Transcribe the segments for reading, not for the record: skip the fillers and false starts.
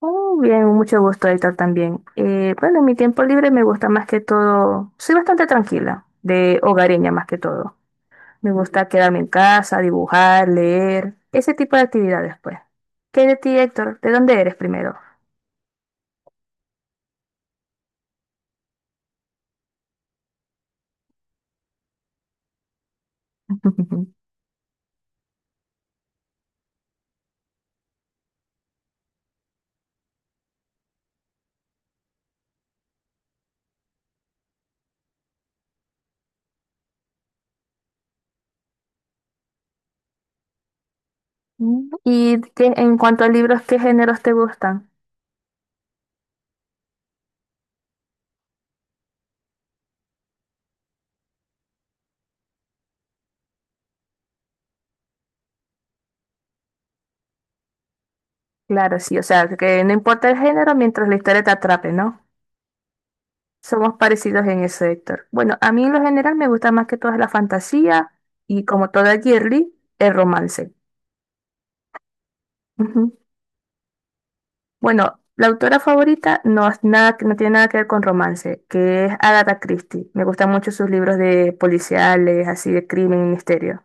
Oh, bien, mucho gusto, Héctor, también. Bueno, en mi tiempo libre me gusta más que todo, soy bastante tranquila, de hogareña más que todo. Me gusta quedarme en casa, dibujar, leer, ese tipo de actividades, pues. ¿Qué de ti, Héctor? ¿De dónde eres primero? ¿Y en cuanto a libros, qué géneros te gustan? Claro, sí, o sea, que no importa el género mientras la historia te atrape, ¿no? Somos parecidos en eso, Héctor. Bueno, a mí en lo general me gusta más que todo la fantasía y como toda girly, el romance. Ujú. Bueno, la autora favorita no, es nada, no tiene nada que ver con romance, que es Agatha Christie. Me gustan mucho sus libros de policiales, así de crimen y misterio.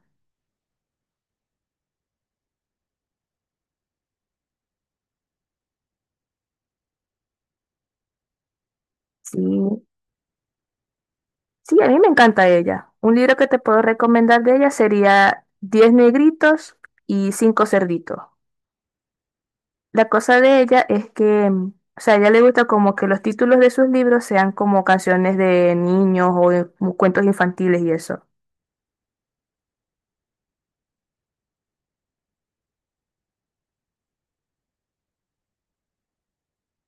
Sí, sí, a mí me encanta ella. Un libro que te puedo recomendar de ella sería Diez negritos y cinco cerditos. La cosa de ella es que, o sea, a ella le gusta como que los títulos de sus libros sean como canciones de niños o como cuentos infantiles y eso.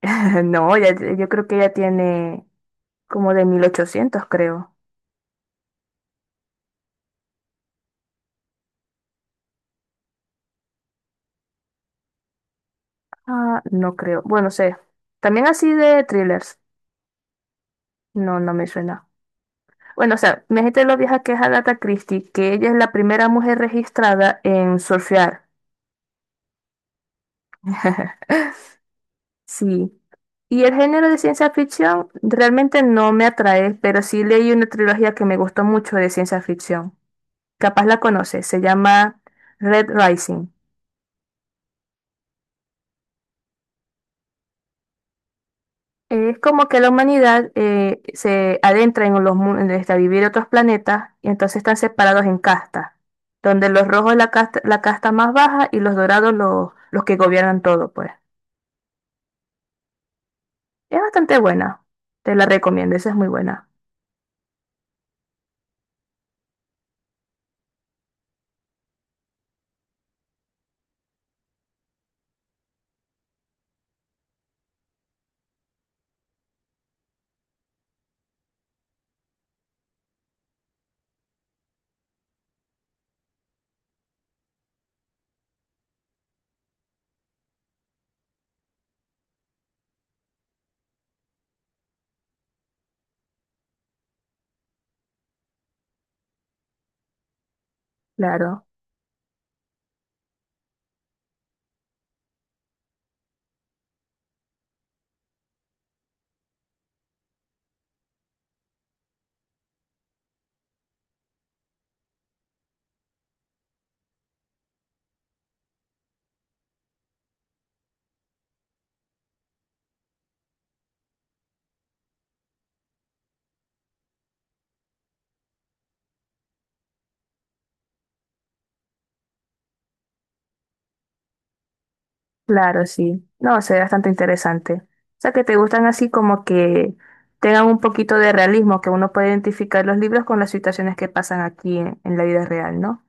No, yo creo que ella tiene como de 1800 creo. Ah, no creo. Bueno, sé. También así de thrillers. No, no me suena. Bueno, o sea, mi gente lo vieja que es Agatha Christie, que ella es la primera mujer registrada en surfear. Sí. Y el género de ciencia ficción realmente no me atrae, pero sí leí una trilogía que me gustó mucho de ciencia ficción. Capaz la conoces, se llama Red Rising. Es como que la humanidad se adentra en los mundos, a vivir en otros planetas, y entonces están separados en castas, donde los rojos la casta más baja y los dorados los que gobiernan todo, pues. Es bastante buena, te la recomiendo, esa es muy buena. Claro, claro, sí. No, se ve bastante interesante. O sea, que te gustan así como que tengan un poquito de realismo, que uno puede identificar los libros con las situaciones que pasan aquí en la vida real, ¿no?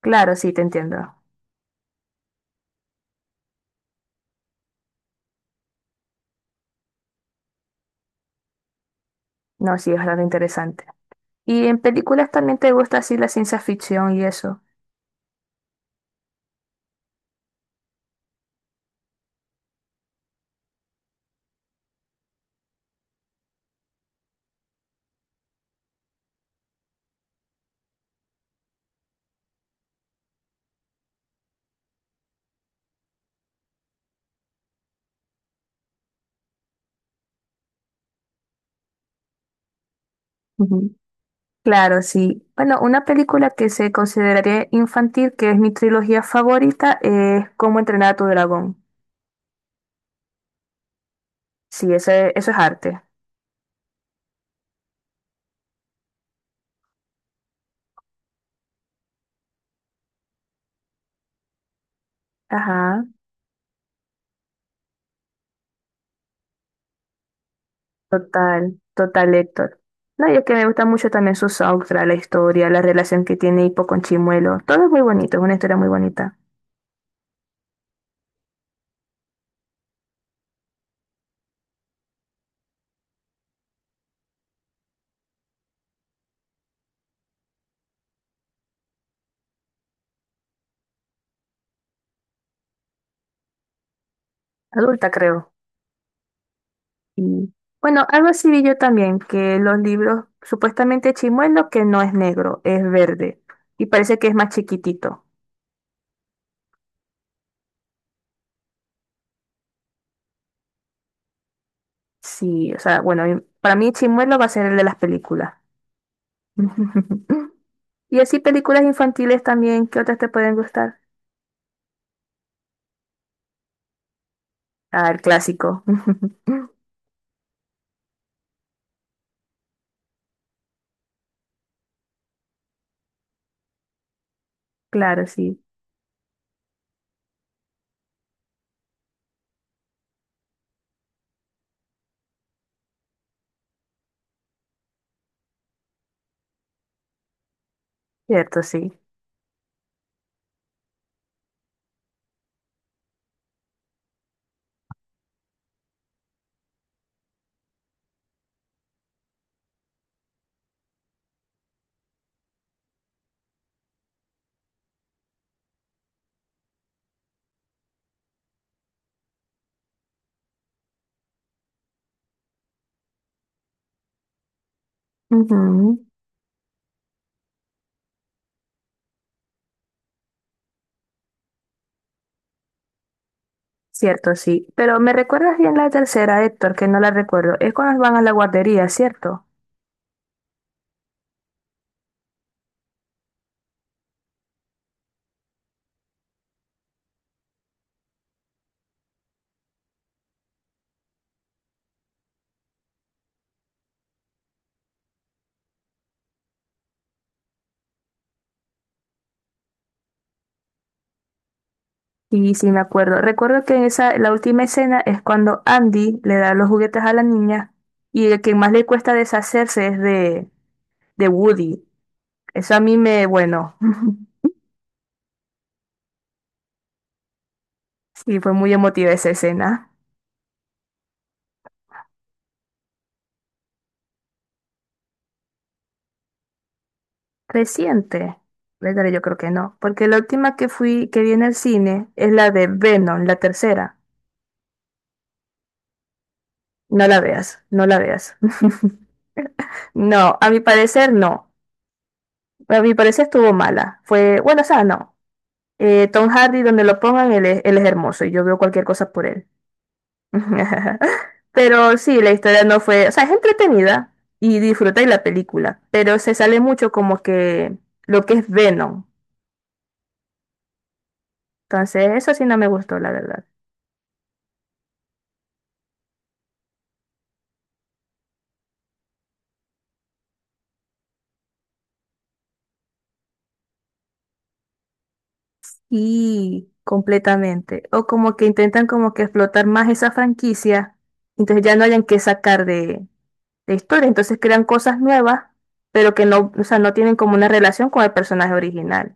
Claro, sí, te entiendo. No, sí, es bastante interesante. Y en películas también te gusta así la ciencia ficción y eso. Ujú. Claro, sí. Bueno, una película que se consideraría infantil, que es mi trilogía favorita, es Cómo entrenar a tu dragón. Sí, eso es arte. Ajá, total, total, Héctor. No, y es que me gusta mucho también su soundtrack, la historia, la relación que tiene Hipo con Chimuelo. Todo es muy bonito, es una historia muy bonita. Adulta, creo. Y, Bueno, algo así vi yo también, que los libros, supuestamente Chimuelo, que no es negro, es verde. Y parece que es más chiquitito. Sí, o sea, bueno, y para mí Chimuelo va a ser el de las películas. Y así películas infantiles también, ¿qué otras te pueden gustar? Ah, el clásico. Claro, sí. Cierto, sí. Ujú. Cierto, sí. Pero me recuerdas bien la tercera, Héctor, que no la recuerdo. Es cuando van a la guardería, ¿cierto? Y sí, me acuerdo. Recuerdo que en esa, la última escena es cuando Andy le da los juguetes a la niña y el que más le cuesta deshacerse es de Woody. Eso a mí me, bueno, sí, fue muy emotiva esa escena. Reciente, ¿verdad? Yo creo que no, porque la última que fui, que vi en el cine es la de Venom, la tercera. No la veas, no la veas. No, a mi parecer no. A mi parecer estuvo mala. Fue, bueno, o sea, no. Tom Hardy, donde lo pongan, él es hermoso y yo veo cualquier cosa por él. Pero sí, la historia no fue, o sea, es entretenida y disfrutáis la película, pero se sale mucho como que lo que es Venom. Entonces, eso sí no me gustó, la verdad. Y completamente. O como que intentan como que explotar más esa franquicia, entonces ya no hayan que sacar de historia, entonces crean cosas nuevas, pero que no, o sea, no tienen como una relación con el personaje original.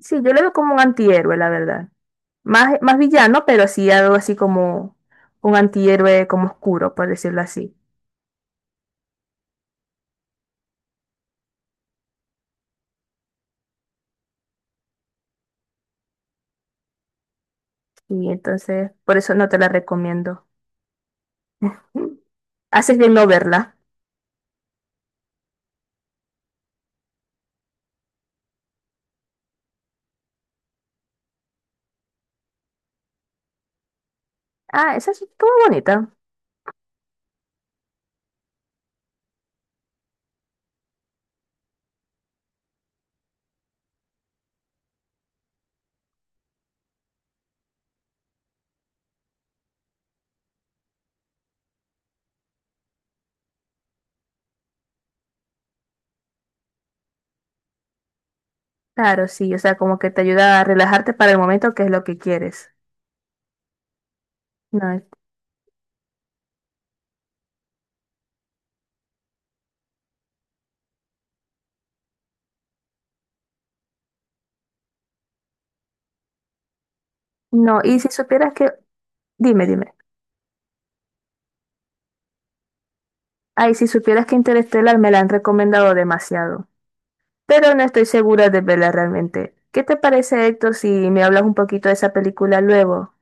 Sí, yo lo veo como un antihéroe, la verdad. Más, más villano, pero sí algo así como un antihéroe como oscuro, por decirlo así. Y entonces, por eso no te la recomiendo. Haces bien no verla. Ah, esa es estuvo bonita. Claro, sí, o sea, como que te ayuda a relajarte para el momento que es lo que quieres. No, no, y si supieras que, dime, dime. Ay, si supieras que Interstellar me la han recomendado demasiado. Pero no estoy segura de verla realmente. ¿Qué te parece, Héctor, si me hablas un poquito de esa película luego?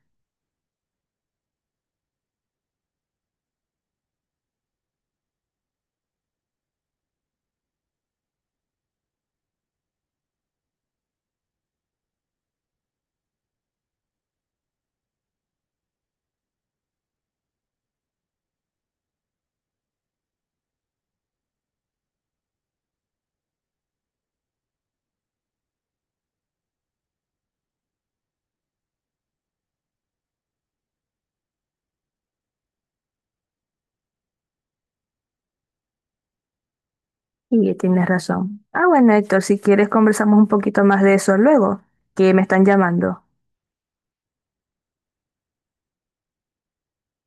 Y tienes razón. Ah, bueno, Héctor, si quieres conversamos un poquito más de eso luego, que me están llamando.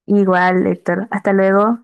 Igual, Héctor, hasta luego.